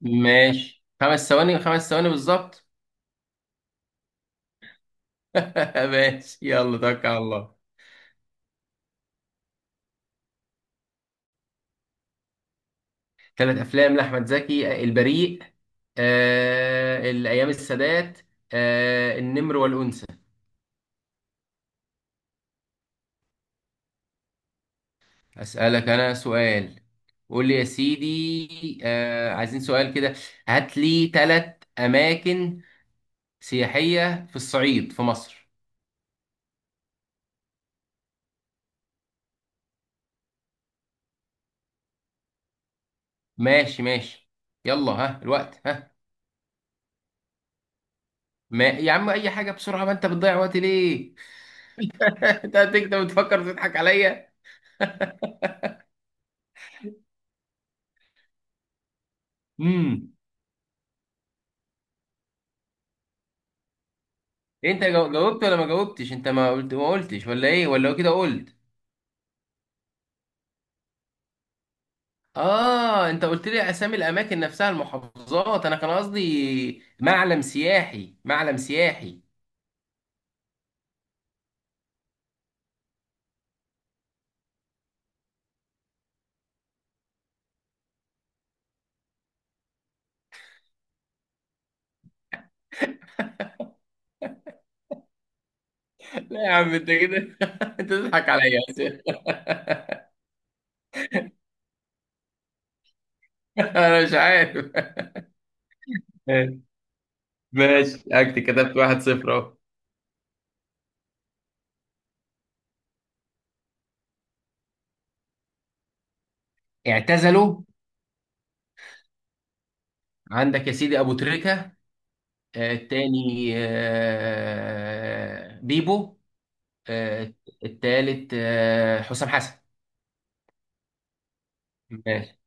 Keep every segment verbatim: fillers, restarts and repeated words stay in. ماشي، خمس ثواني، خمس ثواني بالظبط. ماشي، يلا توكل على الله. ثلاث افلام لاحمد زكي: البريء، آه الايام، السادات، آه النمر والانثى. اسالك انا سؤال. قول لي يا سيدي، آه عايزين سؤال كده. هات لي ثلاث اماكن سياحيه في الصعيد في مصر. ماشي ماشي. يلا ها الوقت ها. ما يا عم، اي حاجه بسرعه، ما انت بتضيع وقتي ليه؟ انت هتكتب وتفكر تضحك عليا. امم انت جو- جاوبت ولا ما جاوبتش؟ انت ما قلت، ما قلتش ولا ايه ولا كده قلت؟ اه، انت قلت لي اسامي الاماكن نفسها، المحافظات. انا كان قصدي معلم سياحي، معلم سياحي. لا يا عم انت كده. انت تضحك عليا يا أسامي. انا مش عارف. ماشي، اكت كتبت واحد صفر اهو. اعتزلوا. عندك يا سيدي ابو تريكة. آه، التاني آه، بيبو. آه، التالت آه، حسام حسن. ماشي.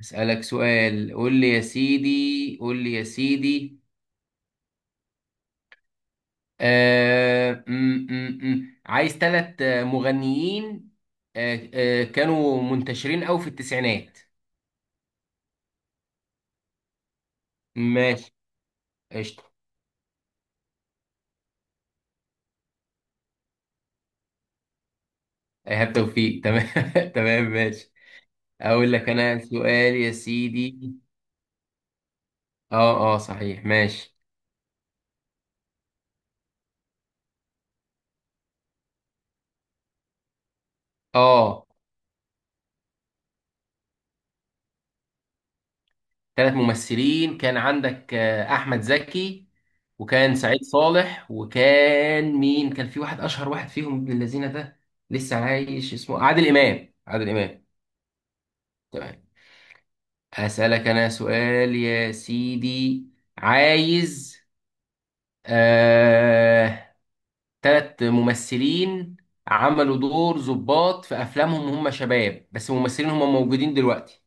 أسألك سؤال، قول لي يا سيدي، قول لي يا سيدي. آه م -م -م. عايز ثلاث مغنيين آه آه كانوا منتشرين أوي في التسعينات. ماشي، قشطة. إيهاب توفيق، تمام. تمام ماشي. أقول لك أنا سؤال يا سيدي. أه، أه، صحيح، ماشي. أه ثلاث ممثلين، كان عندك آه، احمد زكي، وكان سعيد صالح، وكان مين؟ كان في واحد اشهر واحد فيهم، ابن الذين ده لسه عايش، اسمه عادل امام، عادل امام. تمام. اسالك انا سؤال يا سيدي. عايز آه... ثلاث ممثلين عملوا دور ضباط في افلامهم، هم شباب بس ممثلين هم موجودين دلوقتي.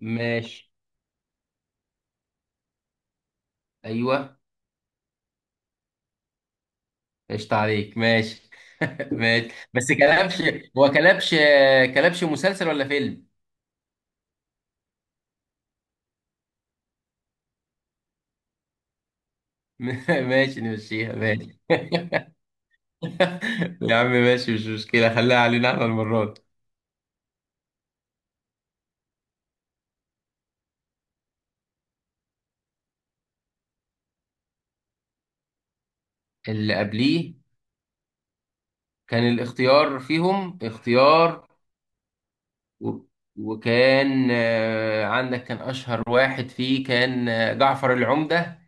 ماشي. ايوه، قشطة عليك، ماشي. ماشي، بس كلبش، هو كلبش، كلبش مسلسل ولا فيلم؟ ماشي نمشيها ماشي. يا عم ماشي، مش مشكلة، خليها علينا احنا المرة دي. اللي قبليه كان الاختيار فيهم، اختيار، و... وكان آه، عندك كان أشهر واحد فيه كان آه، جعفر العمدة.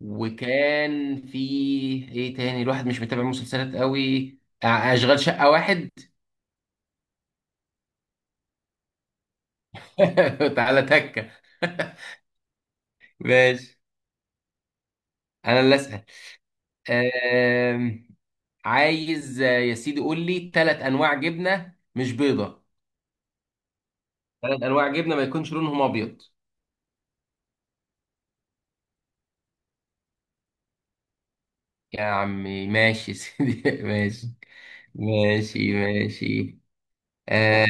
وكان فيه ايه تاني؟ الواحد مش متابع مسلسلات قوي، أ- أشغال شقة واحد. تعالى تكة. ماشي، انا اللي اسال. أم... عايز، آه، يا سيدي قول لي ثلاث انواع جبنه مش بيضه. ثلاث انواع جبنه ما يكونش لونهم ابيض. يا عمي ماشي يا سيدي. ماشي ماشي ماشي. آه،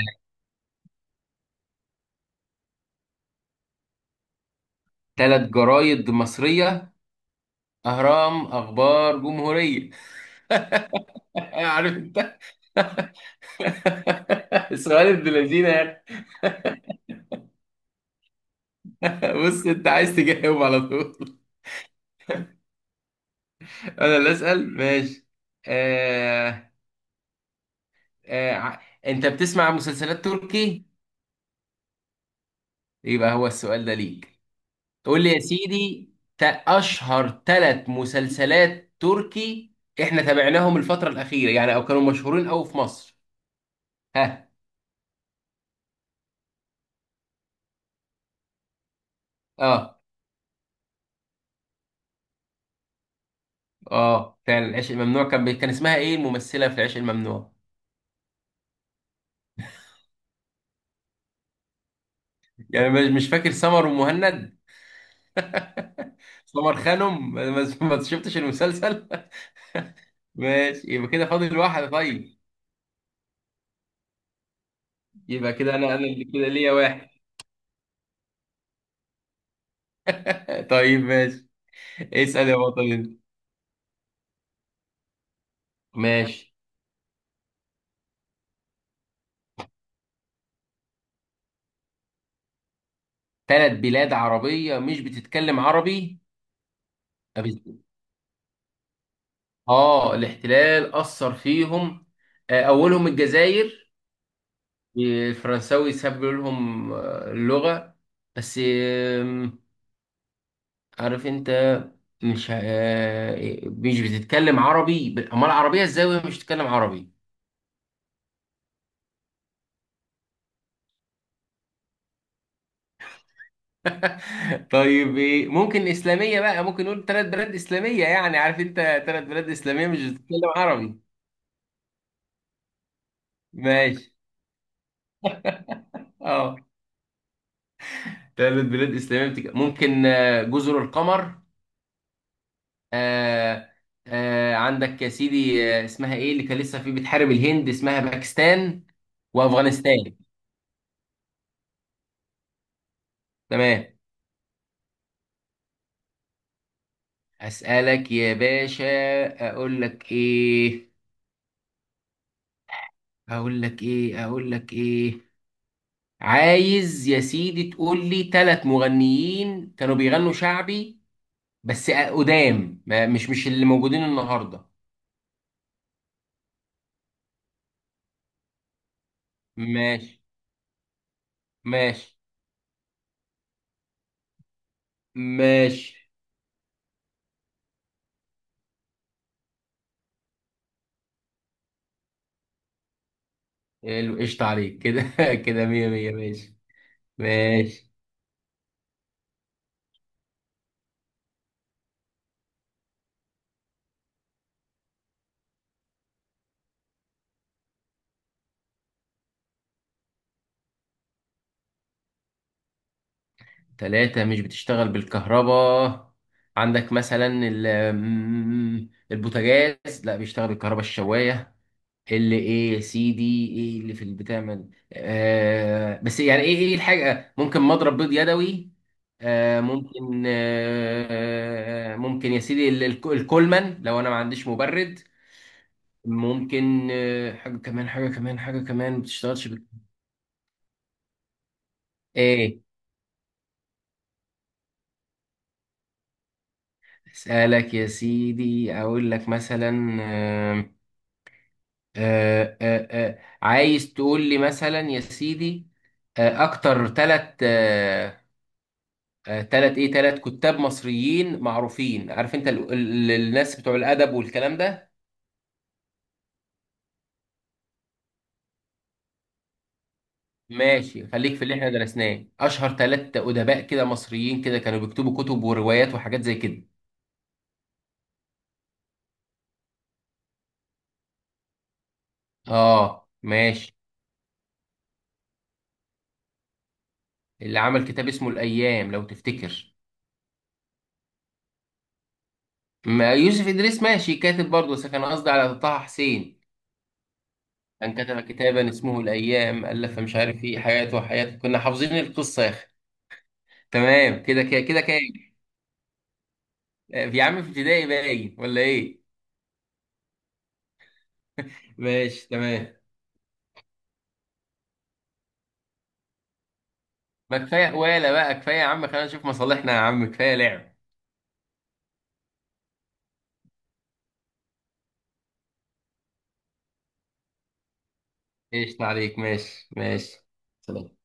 ثلاث جرايد مصريه. اهرام، اخبار، جمهوريه. عارف انت. السؤال ابن لذينه يا أخي. بص، انت عايز تجاوب على طول. انا اللي اسال، ماشي. آه، آه ع- انت بتسمع مسلسلات تركي؟ يبقى هو السؤال ده ليك. تقول لي يا سيدي، تا- اشهر ثلاث مسلسلات تركي احنا تابعناهم الفترة الأخيرة يعني، او كانوا مشهورين قوي في مصر. ها. اه، اه، فعلا، العشق الممنوع كان بي... كان اسمها ايه الممثلة في العشق الممنوع؟ يعني مش مش فاكر، سمر ومهند، سمر خانم. ما ما- ما شفتش المسلسل. ماشي، يبقى كده فاضل واحد. طيب، يبقى كده انا انا اللي كده ليا واحد. طيب ماشي، اسأل يا بطل انت. ماشي، ثلاث بلاد عربية مش بتتكلم عربي. أبي- اه، الاحتلال أثر فيهم. آه، أولهم الجزائر، آه، الفرنساوي ساب لهم آه، اللغة، بس آم، عارف أنت. مش آه، مش بتتكلم عربي، أمال العربية إزاي وهي مش بتتكلم عربي؟ طيب إيه، ممكن إسلامية بقى، ممكن نقول ثلاث بلاد إسلامية يعني، عارف أنت. ثلاث بلاد إسلامية مش بتتكلم عربي. ماشي. اه، ثلاث بلاد إسلامية بتك... ممكن آه، جزر القمر، آه، آه، عندك يا سيدي آه، اسمها إيه اللي كان لسه في بتحارب الهند، اسمها باكستان، وأفغانستان. تمام. أسألك يا باشا، أقول لك إيه، أقول لك إيه، أقول لك إيه. عايز يا سيدي تقول لي ثلاث مغنيين كانوا بيغنوا شعبي بس قدام، ما- مش مش اللي موجودين النهارده. ماشي ماشي ماشي. حلو، قشطة عليك كده. كده مية مية. ماشي ماشي. تلاتة مش بتشتغل بالكهرباء. عندك مثلا ال- م- البوتاجاز، لا بيشتغل بالكهرباء. الشواية، اللي ايه يا سيدي، ايه اللي في اللي بتعمل، آه بس يعني ايه ايه الحاجة؟ ممكن مضرب بيض يدوي. آه ممكن، آه ممكن يا سيدي ال- الك- الكولمان لو انا ما عنديش مبرد. ممكن آه حاجة كمان، حاجة كمان، حاجة كمان ما بتشتغلش بال- ايه. اسالك يا سيدي، اقول لك مثلا، آه، آه، آه، آه، عايز تقول لي مثلا يا سيدي، آه، اكتر ثلاث، ثلاث ايه ثلاث كتاب مصريين معروفين، عارف انت ال- ال- الناس بتوع الادب والكلام ده. ماشي، خليك في اللي احنا درسناه. اشهر ثلاث ادباء كده مصريين كده كانوا بيكتبوا كتب وروايات وحاجات زي كده. اه، ماشي. اللي عمل كتاب اسمه الايام، لو تفتكر. ما يوسف إدريس ماشي كاتب برضه، بس كان قصدي على طه حسين. كان كتب كتابا اسمه الأيام، ألف مش عارف إيه، حياته وحياته كنا حافظين القصة يا أخي. تمام، كده كده كده كام؟ يا عم في ابتدائي باين، ولا إيه؟ ماشي، تمام. ما كفاية ولا بقى، كفاية يا عم، خلينا نشوف مصالحنا، يا عم كفاية لعب. قشطة عليك، ماشي ماشي. سلام.